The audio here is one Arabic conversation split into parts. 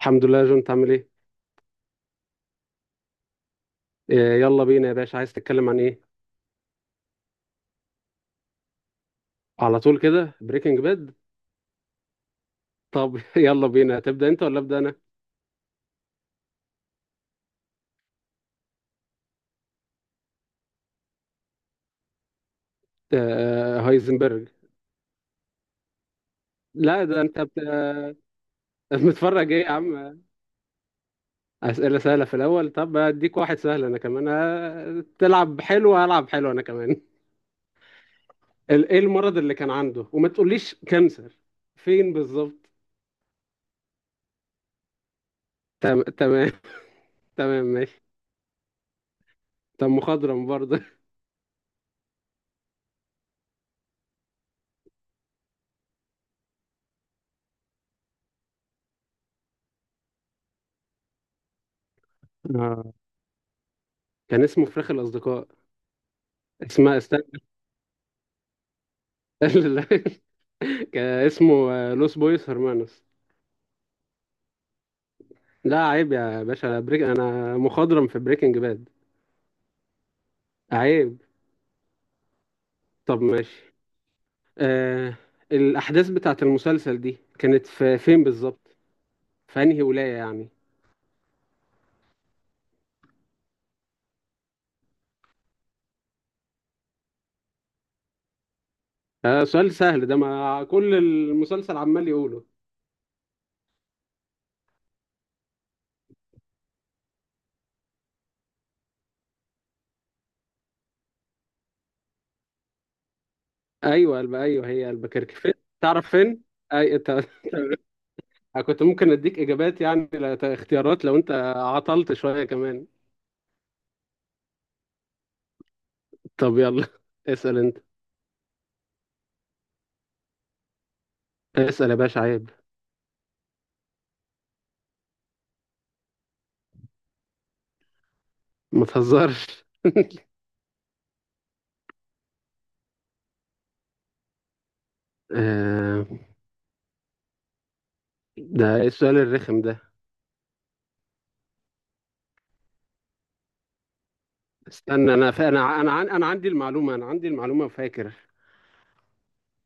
الحمد لله يا جون، تعمل ايه؟ آه. يلا بينا يا باشا، عايز تتكلم عن ايه؟ على طول كده بريكنج باد. طب يلا بينا، تبدأ انت ولا ابدأ انا؟ هايزنبرج. لا ده انت متفرج ايه يا عم؟ أسئلة سهلة في الاول؟ طب اديك واحد سهل انا كمان. تلعب حلو هلعب حلو انا كمان. ايه المرض اللي كان عنده وما تقوليش كانسر؟ فين بالظبط؟ تمام. تمام، ماشي. طب مخضرم برضه. آه. كان اسمه فراخ الاصدقاء. اسمها كان اسمه لوس بويس هرمانوس. لا عيب يا باشا، بريك انا مخضرم في بريكنج باد. عيب. طب ماشي. آه الاحداث بتاعت المسلسل دي كانت في فين بالظبط؟ في انهي ولاية يعني؟ آه، سؤال سهل ده، ما كل المسلسل عمال يقوله. ايوه ايوه هي البكركي فين؟ تعرف فين؟ اي كنت ممكن اديك اجابات يعني اختيارات لو انت عطلت شوية كمان. طب يلا، اسأل انت. اسأل يا باشا، عيب. ما تهزرش. آه، ده ايه السؤال الرخم ده؟ استنى انا فا... انا ع- انا عن... انا عندي المعلومه فاكر.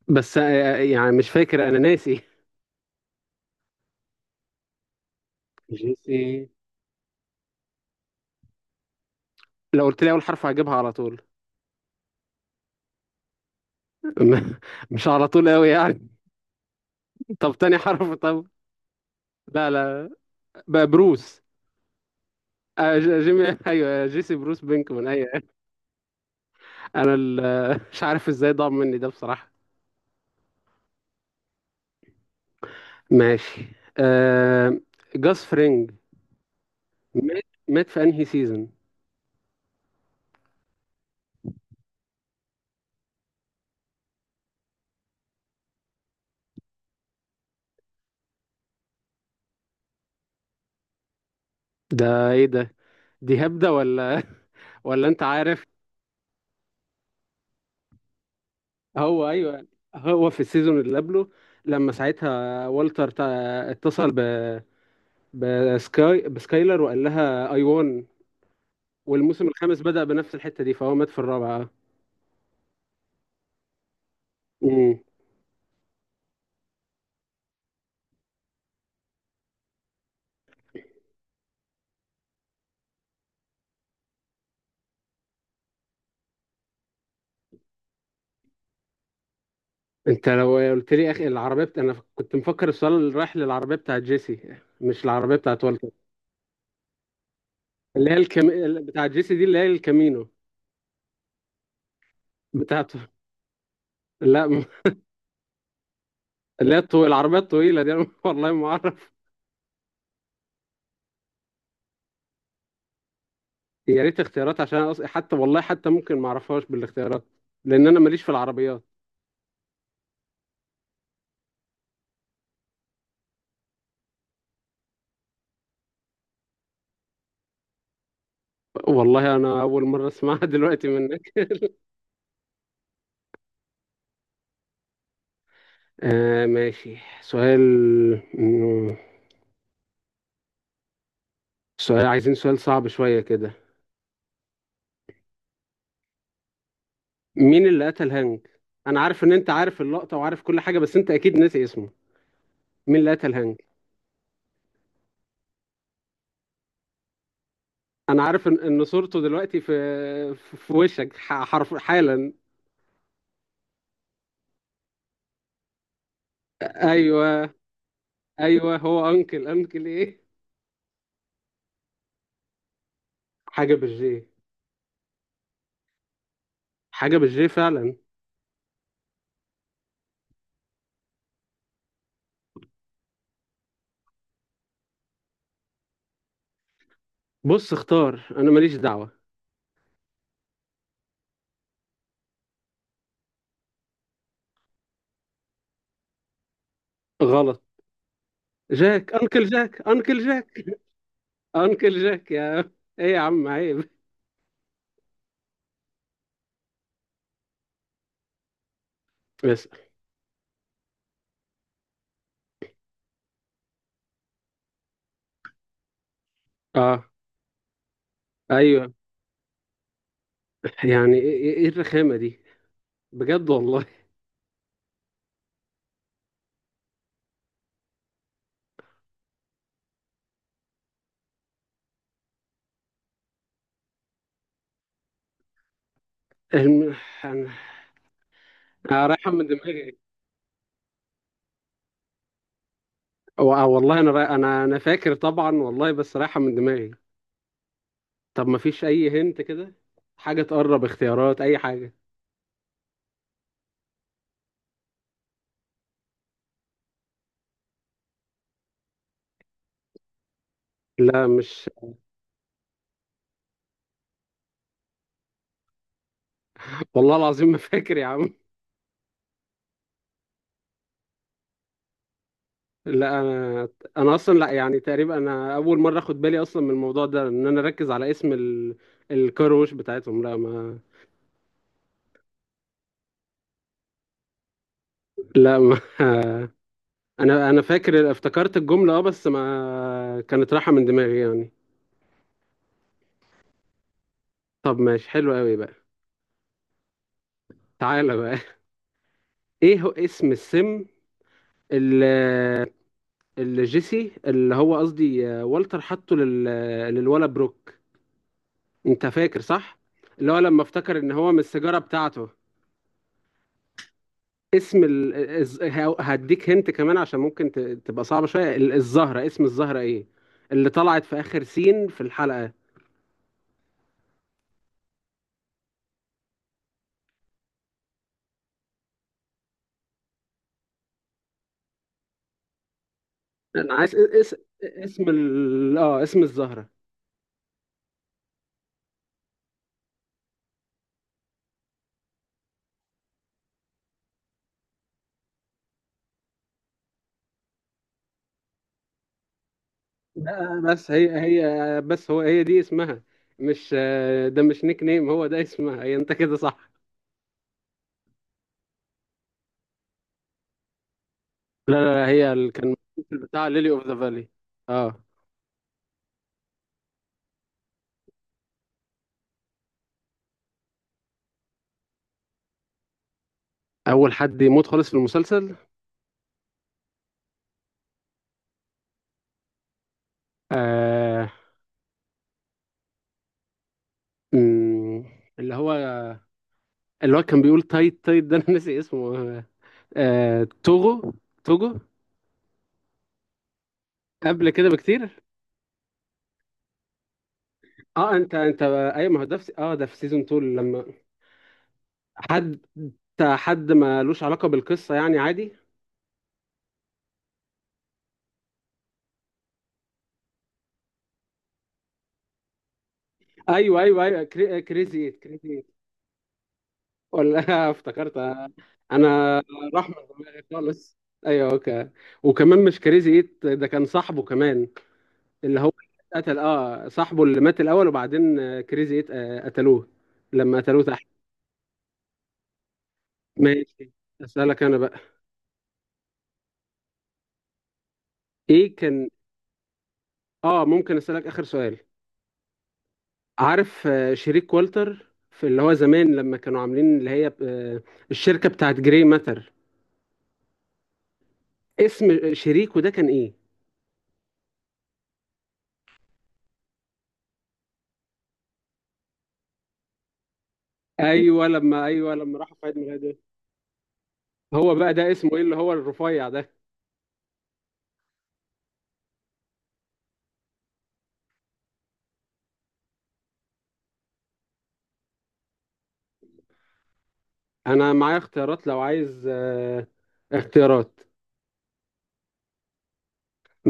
بس يعني مش فاكر، انا ناسي. جيسي. لو قلت لي اول حرف هجيبها على طول. م- مش على طول قوي يعني. طب تاني حرف طب. لا لا. بروس. جيمي. ايوه جيسي بروس بينكمان ايوه. انا ال... مش عارف ازاي ضاع مني ده بصراحه. ماشي. آه... جاس فرينج، مات. مات في انهي سيزون؟ ده ايه ده؟ دي هبدة ولا ولا انت عارف؟ هو ايوه، هو في السيزون اللي قبله، لما ساعتها والتر اتصل ب بسكايلر وقال لها اي وان، والموسم الخامس بدأ بنفس الحتة دي، فهو مات في الرابعة. امم. انت لو قلت لي يا اخي العربية انا كنت مفكر السؤال اللي رايح للعربية بتاعت جيسي، مش العربية بتاعت والتر. اللي هي بتاعت جيسي دي، اللي هي الكامينو. بتاعته. لا. اللي هي العربية الطويلة دي. أنا والله ما اعرف. يا ريت اختيارات، عشان أنا حتى والله حتى ممكن ما اعرفهاش بالاختيارات، لان انا ماليش في العربيات. والله انا اول مره اسمعها دلوقتي منك. ماشي. سؤال. مم، سؤال عايزين، سؤال صعب شويه كده. مين اللي قتل هانج؟ انا عارف ان انت عارف اللقطه وعارف كل حاجه، بس انت اكيد ناسي اسمه. مين اللي قتل هانج؟ انا عارف إن صورته دلوقتي في وشك، حرف حالا. ايوه. ايوه هو انكل ايه؟ حاجه بالجي. حاجه بالجي فعلا. بص اختار، انا ماليش دعوة. غلط. جاك، انكل جاك، انكل جاك. انكل جاك يا. ايه يا عم عيب. بس. اه ايوه. يعني ايه إيه إيه الرخامة دي؟ بجد والله. الم- انا أنا رايحة من دماغي. والله انا راي... انا انا فاكر طبعا والله، بس رايحة من دماغي. طب ما فيش اي هنت كده، حاجة تقرب، اختيارات اي حاجة. لا مش والله العظيم ما فاكر يا عم. لا انا انا اصلا، لا يعني تقريبا انا اول مره اخد بالي اصلا من الموضوع ده ان انا اركز على اسم الكاروش بتاعتهم. لا ما لا ما انا فاكر، افتكرت الجمله اه، بس ما كانت رايحه من دماغي يعني. طب ماشي، حلو قوي بقى. تعالى بقى. ايه هو اسم السم؟ اللي, اللي جيسي، اللي هو قصدي والتر حطه للولا بروك. انت فاكر صح؟ اللي هو لما افتكر ان هو من السيجاره بتاعته. اسم ال... هديك هنت كمان عشان ممكن تبقى صعبة شوية. الزهرة، اسم الزهرة ايه؟ اللي طلعت في آخر سين في الحلقة. انا عايز اس... اسم ال... اه اسم الزهرة. بس هي بس هي دي اسمها، مش ده مش نيك نيم، هو ده اسمها هي، انت كده صح. لا لا لا، هي كان المسلسل بتاع ليلي اوف ذا فالي. اه. اول حد يموت خالص في المسلسل. آه... أمم، اللي هو اللي هو كان بيقول تايت تايت، ده انا ناسي اسمه. توغو. توغو. قبل كده بكتير. اه، انت ايوه، ما هو ده في سيزون 2، لما حد، حد ما لوش علاقه بالقصه يعني عادي. ايوه ايوه ايوه، كريزي إيت، كريزي إيت. ولا افتكرت. انا راح من دماغي خالص. ايوه اوكي. وكمان مش كريزي ايت ده، كان صاحبه كمان. اللي هو قتل، اه، صاحبه اللي مات الاول، وبعدين كريزي ايت قتلوه. لما قتلوه تحت. ماشي، اسالك انا بقى. ايه كان اه ممكن اسالك اخر سؤال؟ عارف شريك والتر، في اللي هو زمان لما كانوا عاملين اللي هي الشركه بتاعت جري ماتر، اسم شريكه ده كان ايه؟ ايوه لما، راحوا في عيد ميلاده. هو بقى ده اسمه ايه، اللي هو الرفيع ده. انا معايا اختيارات لو عايز، اختيارات.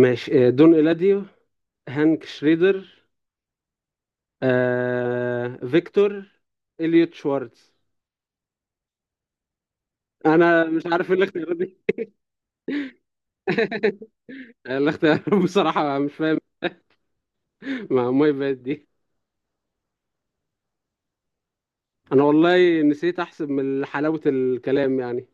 ماشي. دون إيلاديو، هانك شريدر، فيكتور، إليوت شوارتز. انا مش عارف ايه الاختيارات دي. الاختيارات بصراحه مش فاهم. ما بقت دي. انا والله نسيت احسب من حلاوة الكلام يعني.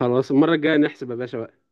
خلاص المرة الجاية نحسب يا باشا بقى.